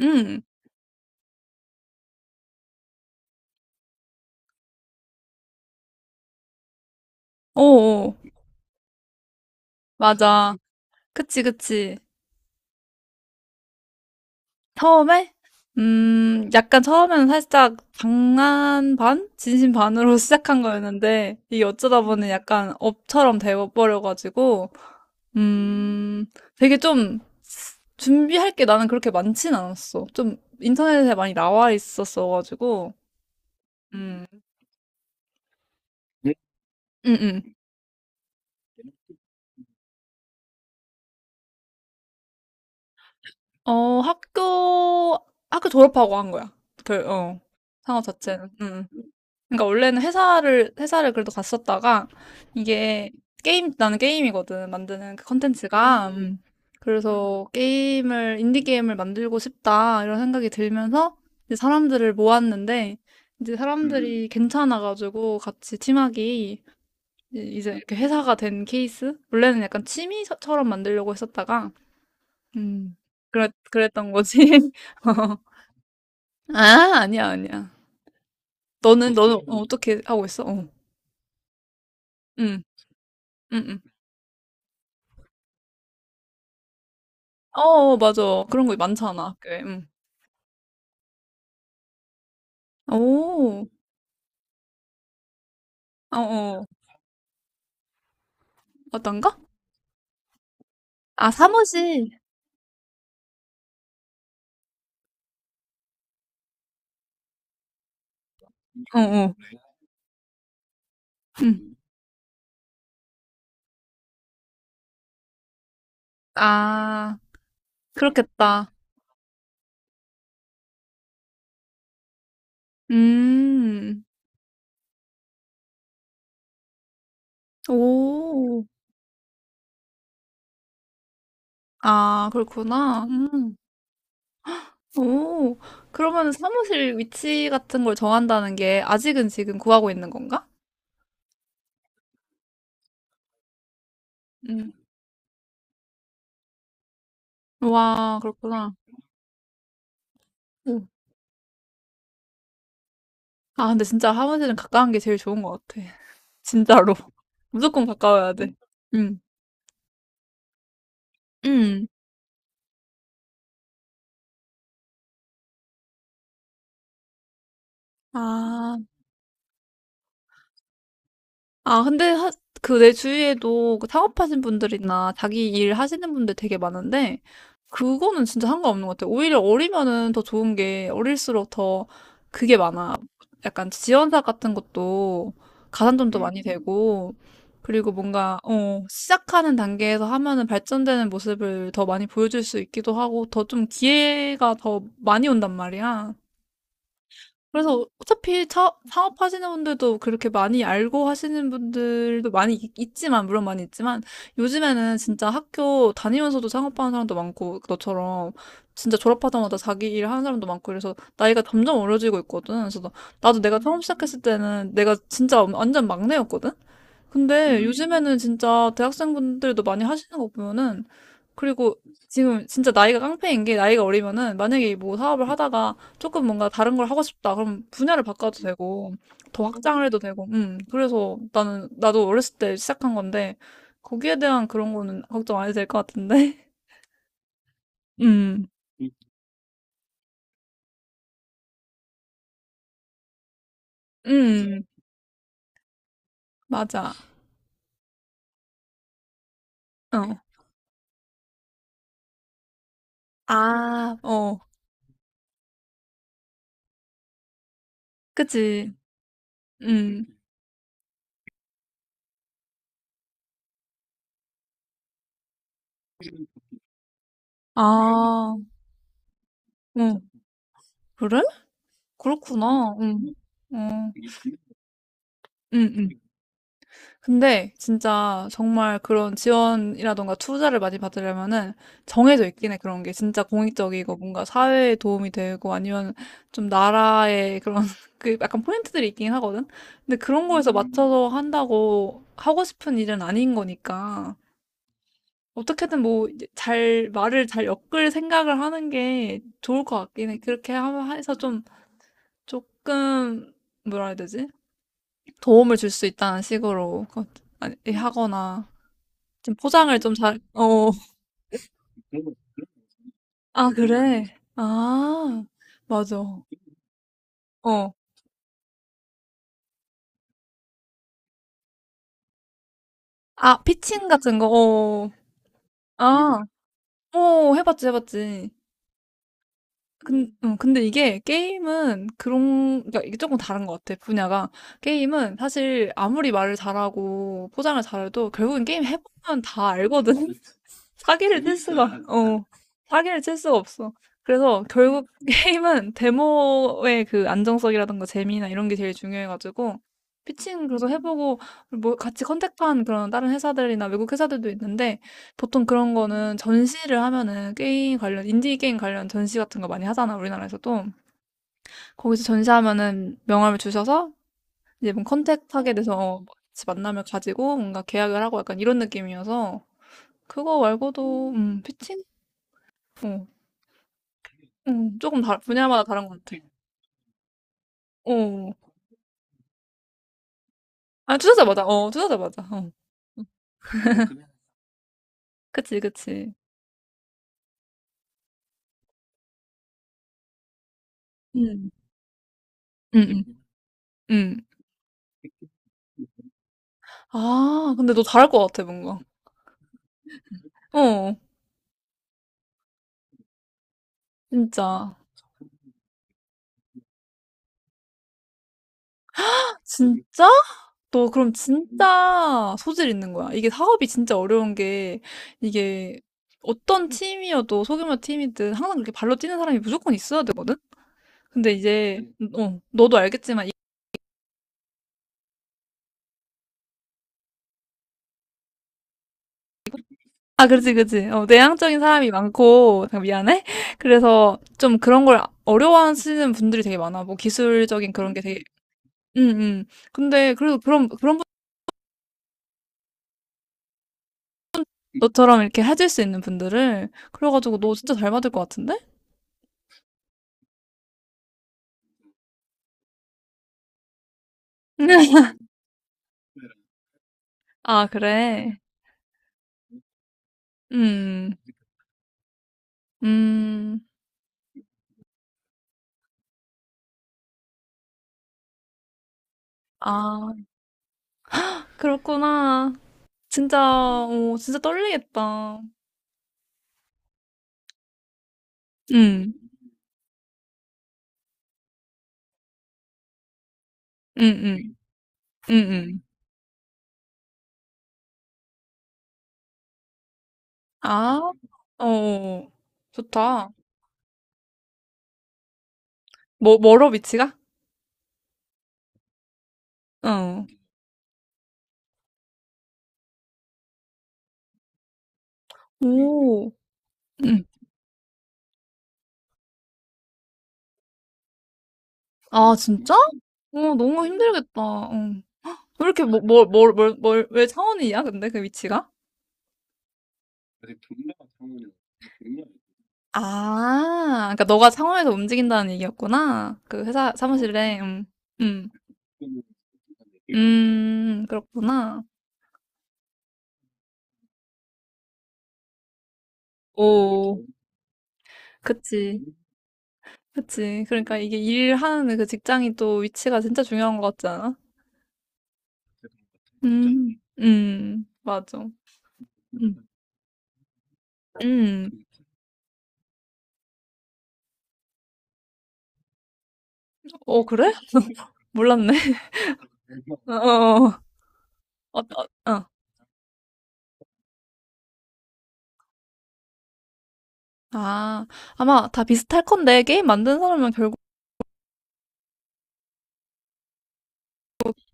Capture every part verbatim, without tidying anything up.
응, 어어, 맞아. 그치, 그치. 처음에? 음, 약간 처음에는 살짝 장난 반? 진심 반으로 시작한 거였는데, 이게 어쩌다 보니 약간 업처럼 돼버려가지고, 음, 되게 좀 준비할 게 나는 그렇게 많진 않았어. 좀 인터넷에 많이 나와 있었어가지고, 음, 응, 응. 어, 학교, 학교 졸업하고 한 거야. 그, 어, 상업 자체는. 응. 그러니까 원래는 회사를 회사를 그래도 갔었다가 이게 게임 나는 게임이거든 만드는 그 컨텐츠가 음, 음. 그래서 게임을 인디 게임을 만들고 싶다 이런 생각이 들면서 이제 사람들을 모았는데 이제 음, 사람들이 괜찮아가지고 같이 팀하기 이- 이제 이렇게 회사가 된 케이스 원래는 약간 취미처럼 만들려고 했었다가 음 그랬 그랬던 거지. 어. 아 아니야 아니야. 너는 너는 어, 어떻게 하고 있어 어. 응응응 어, 어, 맞아. 그런 거 많잖아, 학교에. 응. 오, 어, 어. 어떤가? 아, 사무실. 어, 어. 응. 아, 그렇겠다. 음, 오. 아, 그렇구나. 음, 오. 그러면 사무실 위치 같은 걸 정한다는 게 아직은 지금 구하고 있는 건가? 음. 와, 그렇구나. 오. 아, 근데 진짜 사무실은 가까운 게 제일 좋은 것 같아. 진짜로. 무조건 가까워야 돼. 응. 응. 아. 아, 근데 하, 그 내 주위에도 그 창업하신 분들이나 자기 일 하시는 분들 되게 많은데, 그거는 진짜 상관없는 것 같아요. 오히려 어리면은 더 좋은 게, 어릴수록 더 그게 많아. 약간 지원사업 같은 것도 가산점도 많이 음. 되고, 그리고 뭔가, 어, 시작하는 단계에서 하면은 발전되는 모습을 더 많이 보여줄 수 있기도 하고, 더 좀 기회가 더 많이 온단 말이야. 그래서 어차피 차, 사업하시는 분들도 그렇게 많이 알고 하시는 분들도 많이 있- 있지만, 물론 많이 있지만, 요즘에는 진짜 학교 다니면서도 창업하는 사람도 많고, 너처럼 진짜 졸업하자마자 자기 일 하는 사람도 많고, 그래서 나이가 점점 어려지고 있거든. 그래서 나- 나도 내가 처음 시작했을 때는 내가 진짜 완전 막내였거든? 근데 요즘에는 진짜 대학생분들도 많이 하시는 거 보면은, 그리고 지금 진짜 나이가 깡패인 게 나이가 어리면은, 만약에 뭐 사업을 하다가 조금 뭔가 다른 걸 하고 싶다. 그럼 분야를 바꿔도 되고, 더 확장을 해도 되고, 음. 그래서 나는, 나도 어렸을 때 시작한 건데, 거기에 대한 그런 거는 걱정 안 해도 될 것 같은데? 음, 음, 맞아. 어. 아, 어. 그치. 음. 아, 어. 그래? 그렇구나. 응. 어, 응, 응. 근데 진짜 정말 그런 지원이라던가 투자를 많이 받으려면은 정해져 있긴 해. 그런 게 진짜 공익적이고 뭔가 사회에 도움이 되고 아니면 좀 나라의 그런 그 약간 포인트들이 있긴 하거든. 근데 그런 거에서 맞춰서 한다고 하고 싶은 일은 아닌 거니까 어떻게든 뭐 잘 말을 잘 엮을 생각을 하는 게 좋을 것 같긴 해. 그렇게 하- 해서 좀 조금 뭐라 해야 되지? 도움을 줄 수 있다는 식으로 그- 아니, 하거나 좀 포장을 좀 잘, 어. 아, 그래? 아, 맞아. 어. 아, 피칭 같은 거, 어. 아, 어, 해봤지, 해봤지. 근, 음, 근데 이게 게임은 그런, 그러니까 이게 조금 다른 것 같아, 분야가. 게임은 사실 아무리 말을 잘하고 포장을 잘해도 결국엔 게임 해보면 다 알거든. 사기를 칠 수가, 어, 사기를 칠 수가 없어. 그래서 결국 게임은 데모의 그 안정성이라든가 재미나 이런 게 제일 중요해가지고, 피칭 그래서 해보고, 뭐 같이 컨택한 그런 다른 회사들이나 외국 회사들도 있는데, 보통 그런 거는 전시를 하면은 게임 관련, 인디 게임 관련 전시 같은 거 많이 하잖아, 우리나라에서도. 거기서 전시하면은 명함을 주셔서 이제 뭔 컨택하게 돼서 어, 같이 만나면 가지고 뭔가 계약을 하고 약간 이런 느낌이어서 그거 말고도, 음, 피칭? 어, 음, 조금 다, 분야마다 다른 것 같아. 어, 아, 투자자 맞아. 어, 투자자 맞아. 어, 그치, 그치. 음, 음, 음. 음. 아, 근데 너 잘할 것 같아, 뭔가. 어, 진짜. 진짜? 너 그럼 진짜 소질 있는 거야. 이게 사업이 진짜 어려운 게 이게 어떤 팀이어도 소규모 팀이든 항상 그렇게 발로 뛰는 사람이 무조건 있어야 되거든? 근데 이제, 어, 너도 알겠지만, 이- 아, 그렇지, 그렇지. 어, 내향적인 사람이 많고, 잠깐 미안해. 그래서 좀 그런 걸 어려워하시는 분들이 되게 많아. 뭐 기술적인 그런 게 되게, 응, 응. 근데 그래도 그런, 그런 분, 너처럼 이렇게 해줄 수 있는 분들을, 그래가지고 너 진짜 잘 받을 것 같은데? 아, 그래. 음. 음. 아, 그렇구나. 진짜, 오 진짜 떨리겠다. 응, 응, 응, 응, 응. 아, 어, 좋다. 뭐, 멀어, 위치가? 어. 오, 응. 아, 진짜? 어, 너무 힘들겠다. 어. 왜 이렇게, 뭐, 뭘, 뭘, 뭘, 뭘, 왜 창원이야, 근데 그 위치가? 아, 그러니까 너가 창원에서 움직인다는 얘기였구나. 그 회사 사무실에, 음, 음, 음, 그렇구나. 오. 그치, 그치. 그러니까 이게 일하는 그 직장이 또 위치가 진짜 중요한 것 같지 않아? 음, 음, 맞아. 음, 음. 어, 그래? 몰랐네. 어, 어, 어, 어. 어. 아, 아마 다 비슷할 건데, 게임 만든 사람은 결국,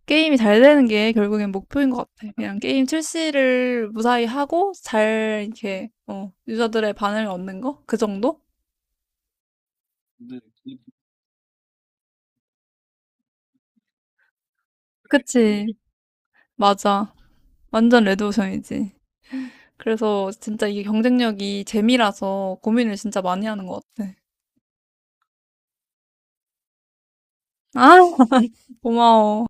게임이 잘 되는 게 결국엔 목표인 것 같아. 그냥 게임 출시를 무사히 하고, 잘, 이렇게, 어, 유저들의 반응을 얻는 거? 그 정도? 그치. 맞아. 완전 레드오션이지. 그래서 진짜 이게 경쟁력이 재미라서 고민을 진짜 많이 하는 것 같아. 아, 고마워.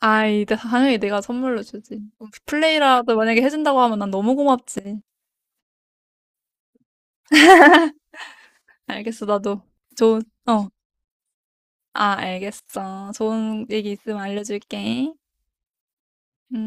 아이, 내- 당연히 내가 선물로 주지. 플레이라도 만약에 해준다고 하면 난 너무 고맙지. 알겠어, 나도. 좋은, 어, 아, 알겠어. 좋은 얘기 있으면 알려줄게. 응?